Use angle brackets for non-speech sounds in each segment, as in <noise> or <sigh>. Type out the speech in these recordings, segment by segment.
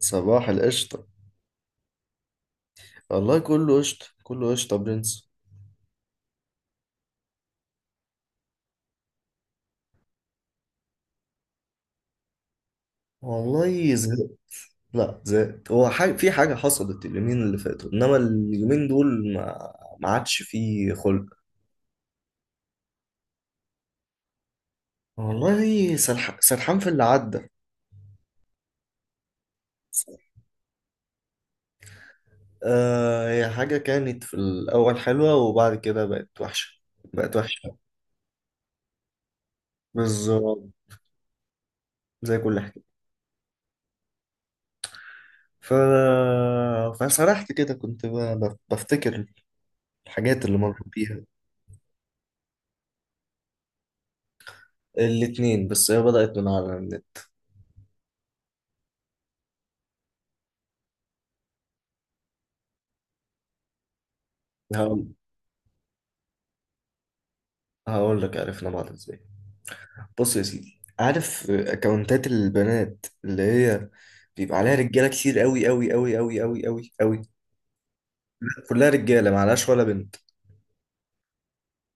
صباح القشطة. والله كله قشطة كله قشطة يا برنس. والله زهقت. لا زهقت، هو حاجة في حاجة حصلت اليومين اللي فاتوا، إنما اليومين دول ما عادش فيه خلق. والله سرحان في اللي عدى. آه، هي حاجة كانت في الأول حلوة وبعد كده بقت وحشة. بقت وحشة. بالظبط. زي كل حاجة. ف... فسرحت كده، كنت بفتكر الحاجات اللي مريت بيها. الاتنين، بس هي بدأت من على النت. هقول لك عرفنا بعض ازاي. بص يا سيدي، عارف اكونتات البنات اللي هي بيبقى عليها رجاله كتير قوي قوي قوي قوي قوي قوي قوي، كلها رجاله، ما عليهاش ولا بنت،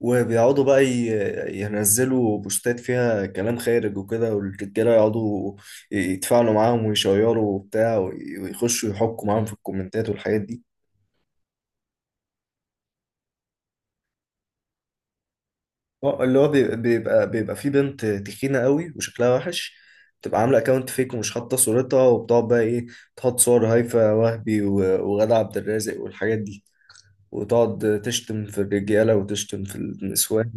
وبيقعدوا بقى ينزلوا بوستات فيها كلام خارج وكده، والرجاله يقعدوا يتفاعلوا معاهم ويشيروا وبتاع، ويخشوا يحكوا معاهم في الكومنتات والحاجات دي. اللي هو بيبقى في بنت تخينة قوي وشكلها وحش، بتبقى عاملة اكونت فيك ومش حاطة صورتها، وبتقعد بقى ايه، تحط صور هيفاء وهبي وغادة عبد الرازق والحاجات دي، وتقعد تشتم في الرجالة وتشتم في النسوان.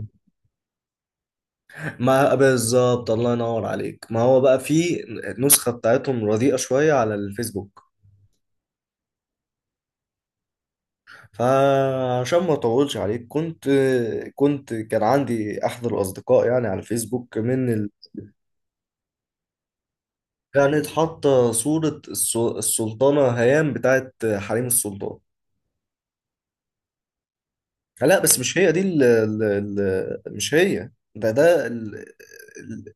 <laughs> ما بالظبط، الله ينور عليك، ما هو بقى في نسخة بتاعتهم رديئة شوية على الفيسبوك. فعشان ما اطولش عليك، كنت كان عندي احد الاصدقاء يعني على الفيسبوك، من كانت حاطة صورة السلطانة هيام بتاعت حريم السلطان. لا بس مش هي دي ال ال ال مش هي ده ده ال ال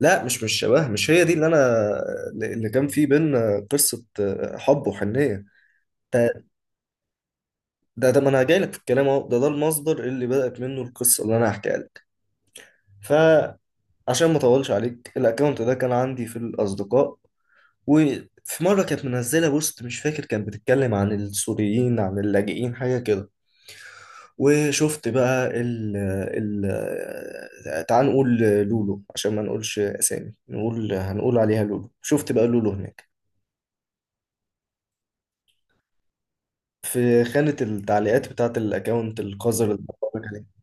لا مش شبه، مش هي دي اللي انا، اللي كان في بينا قصة حب وحنية. ده ده ما انا جاي لك في الكلام اهو، ده المصدر اللي بدأت منه القصة اللي انا هحكيها لك. فعشان ما اطولش عليك، الاكونت ده كان عندي في الاصدقاء، وفي مرة كانت منزلة بوست، مش فاكر كانت بتتكلم عن السوريين عن اللاجئين، حاجة كده. وشفت بقى ال ال تعال نقول لولو عشان ما نقولش أسامي، نقول، هنقول عليها لولو. شفت بقى لولو هناك في خانة التعليقات بتاعة الأكاونت القذر اللي بتفرج عليه.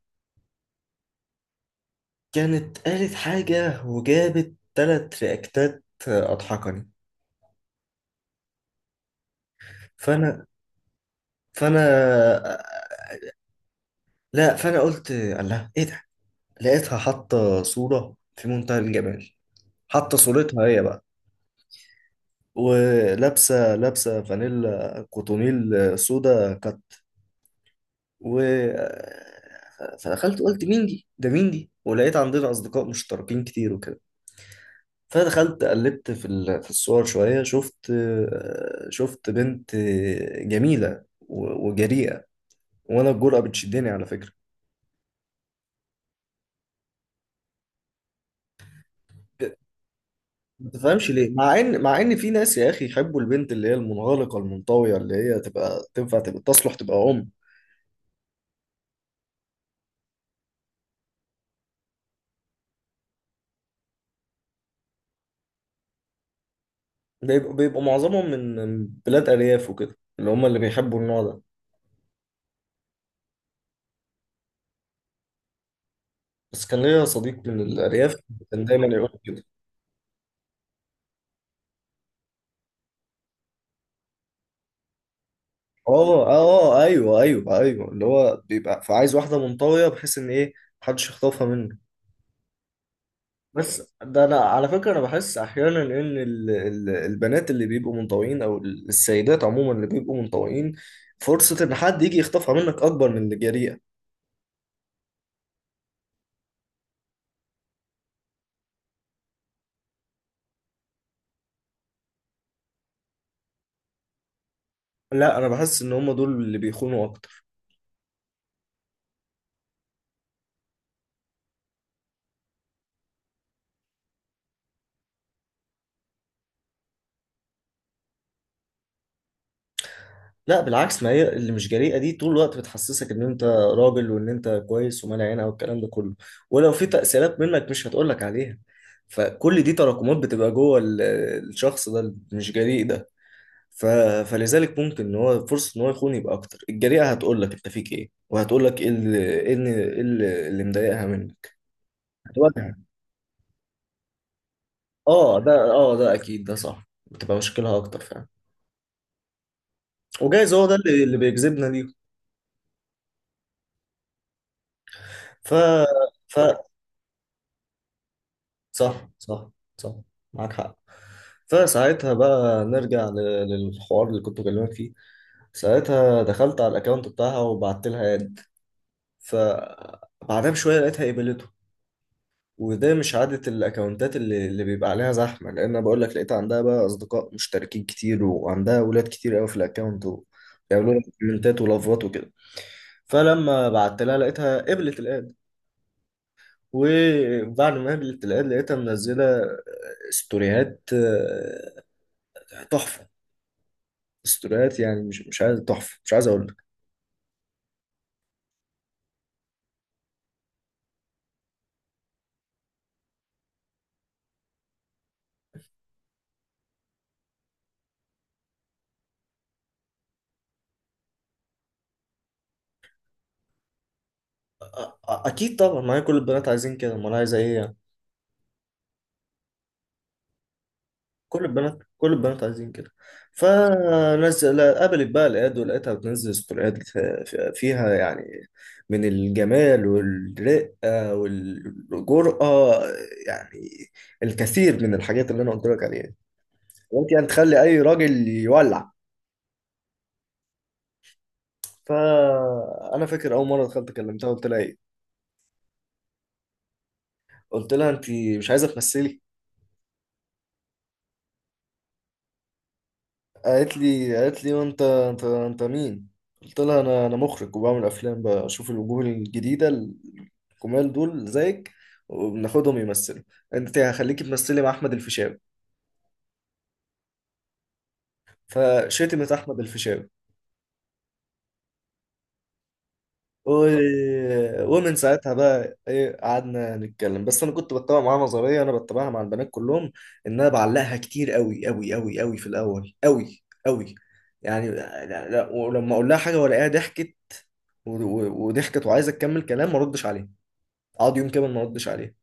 كانت قالت حاجة وجابت تلات رياكتات أضحكني. فأنا فأنا لا، فأنا قلت الله إيه ده. لقيتها حاطة صورة في منتهى الجمال، حاطة صورتها هي بقى، ولابسه فانيلا كوتونيل سودا كات. و فدخلت قلت مين دي، ده مين دي، ولقيت عندنا اصدقاء مشتركين كتير وكده. فدخلت قلبت في في الصور شويه، شفت بنت جميله وجريئه. وانا الجرأة بتشدني على فكره، ما تفهمش ليه، مع ان في ناس يا اخي يحبوا البنت اللي هي المنغلقه المنطويه، اللي هي تبقى تنفع تبقى تصلح تبقى ام. بيبقوا معظمهم من بلاد أرياف وكده، اللي هم اللي بيحبوا النوع ده. بس كان ليا صديق من الأرياف كان دايما يقول كده. اه اه، ايوه ايوه ايوه، اللي هو بيبقى فعايز واحدة منطوية بحيث ان ايه، محدش يخطفها منه. بس ده انا على فكرة انا بحس احيانا ان البنات اللي بيبقوا منطويين، او السيدات عموما اللي بيبقوا منطويين، فرصة ان حد يجي يخطفها منك اكبر من اللي جريئة. لا، انا بحس ان هم دول اللي بيخونوا اكتر. لا بالعكس، ما هي اللي مش جريئه دي طول الوقت بتحسسك ان انت راجل وان انت كويس ومال عينها والكلام ده كله، ولو في تاثيرات منك مش هتقولك عليها، فكل دي تراكمات بتبقى جوه الشخص ده اللي مش جريء ده. ف... فلذلك ممكن ان هو فرصه ان هو يخون يبقى اكتر. الجريئه هتقولك انت فيك ايه، وهتقولك ايه اللي ايه اللي إيه اللي مضايقها منك، هتواجهك. اه ده، اه ده اكيد، ده صح. بتبقى مشكلها اكتر فعلا، وجايز هو ده اللي بيجذبنا ليه. ف... ف... صح صح صح، معاك حق. فساعتها بقى نرجع للحوار اللي كنت بكلمك فيه. ساعتها دخلت على الاكونت بتاعها وبعت لها اد. فبعدها بشويه لقيتها قبلته، وده مش عادة الاكونتات اللي بيبقى عليها زحمه، لان أنا بقول لك لقيت عندها بقى اصدقاء مشتركين كتير، وعندها ولاد كتير قوي في الاكونت وبيعملوا لها كومنتات ولافات وكده. فلما بعت لها لقيتها قبلت الاد. وبعد ما قابلت العيال لقيتها منزلة ستوريات تحفة. ستوريات يعني مش عايز، تحفة، مش عايز أقول لك. أكيد طبعا، ما هي كل البنات عايزين كده، أمال عايزة إيه يعني. كل البنات عايزين كده. فنزل قابلت بقى العيال، ولقيتها بتنزل ستوريات فيها يعني من الجمال والرقة والجرأة، يعني الكثير من الحاجات اللي أنا قلت لك عليها، ممكن يعني تخلي أي راجل يولع. فانا فاكر اول مره دخلت كلمتها قلت لها ايه. قلت لها انت مش عايزه تمثلي. قالت لي، وانت انت مين؟ قلت لها انا مخرج وبعمل افلام، بشوف الوجوه الجديده الجمال دول زيك، وبناخدهم يمثلوا، انت هخليكي تمثلي مع احمد الفيشاوي. فشتمت احمد الفيشاوي. و... ومن ساعتها بقى ايه قعدنا نتكلم. بس انا كنت بتابع معاها نظريه انا بتابعها مع البنات كلهم، ان انا بعلقها كتير قوي قوي قوي قوي في الاول قوي قوي، يعني لا لا. ولما اقول لها حاجه والاقيها ضحكت وضحكت وعايزه تكمل كلام، ما اردش عليها. اقعد يوم كامل ما اردش عليها.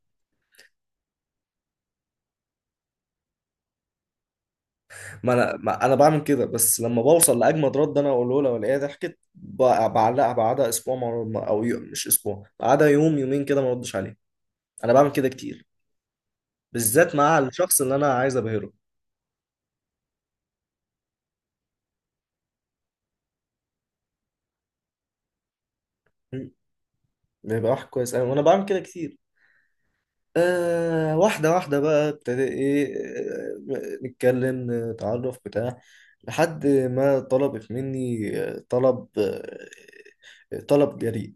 ما انا بعمل كده، بس لما بوصل لاجمد رد انا اقوله لها والاقيها ضحكت بعلقها بعدها اسبوع، او يوم مش اسبوع، بعدها يوم يومين كده ما اردش عليها. انا بعمل كده كتير، بالذات مع الشخص اللي انا عايز ابهره. مم. بيبقى واحد كويس أوي، وأنا بعمل كده كتير. آه، واحدة واحدة بقى ابتدى إيه، آه، نتكلم نتعرف بتاع، لحد ما طلبت مني طلب جريء.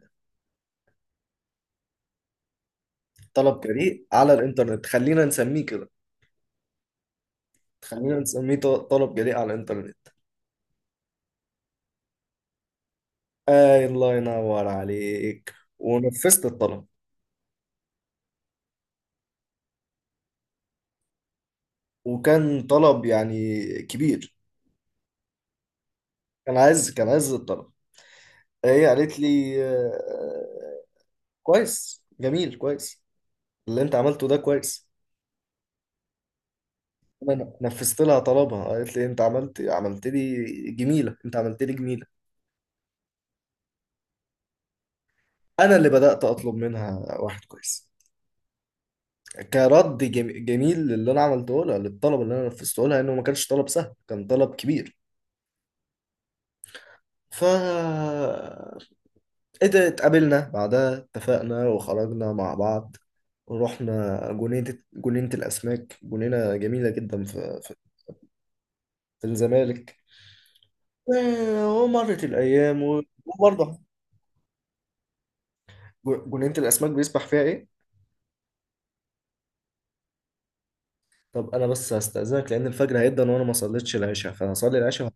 طلب جريء على الإنترنت، خلينا نسميه كده. خلينا نسميه طلب جريء على الإنترنت. آه، الله ينور عليك، ونفذت الطلب. وكان طلب يعني كبير. كان عايز الطلب. هي قالت لي كويس جميل كويس، اللي انت عملته ده كويس. انا نفذت لها طلبها، قالت لي انت عملت لي جميله، انت عملت لي جميله. انا اللي بدات اطلب منها واحد كويس، كرد جميل للي انا عملته لها، للطلب اللي انا نفذته لها، انه ما كانش طلب سهل، كان طلب كبير. ف اتقابلنا بعدها، اتفقنا وخرجنا مع بعض. ورحنا جنينة، الأسماك، جنينة جميلة جدا في الزمالك. ومرت الأيام وبرضه. جنينة الأسماك بيسبح فيها إيه؟ طب أنا بس هستأذنك لأن الفجر هيبدأ وأنا ما صليتش العشاء، فهصلي العشاء.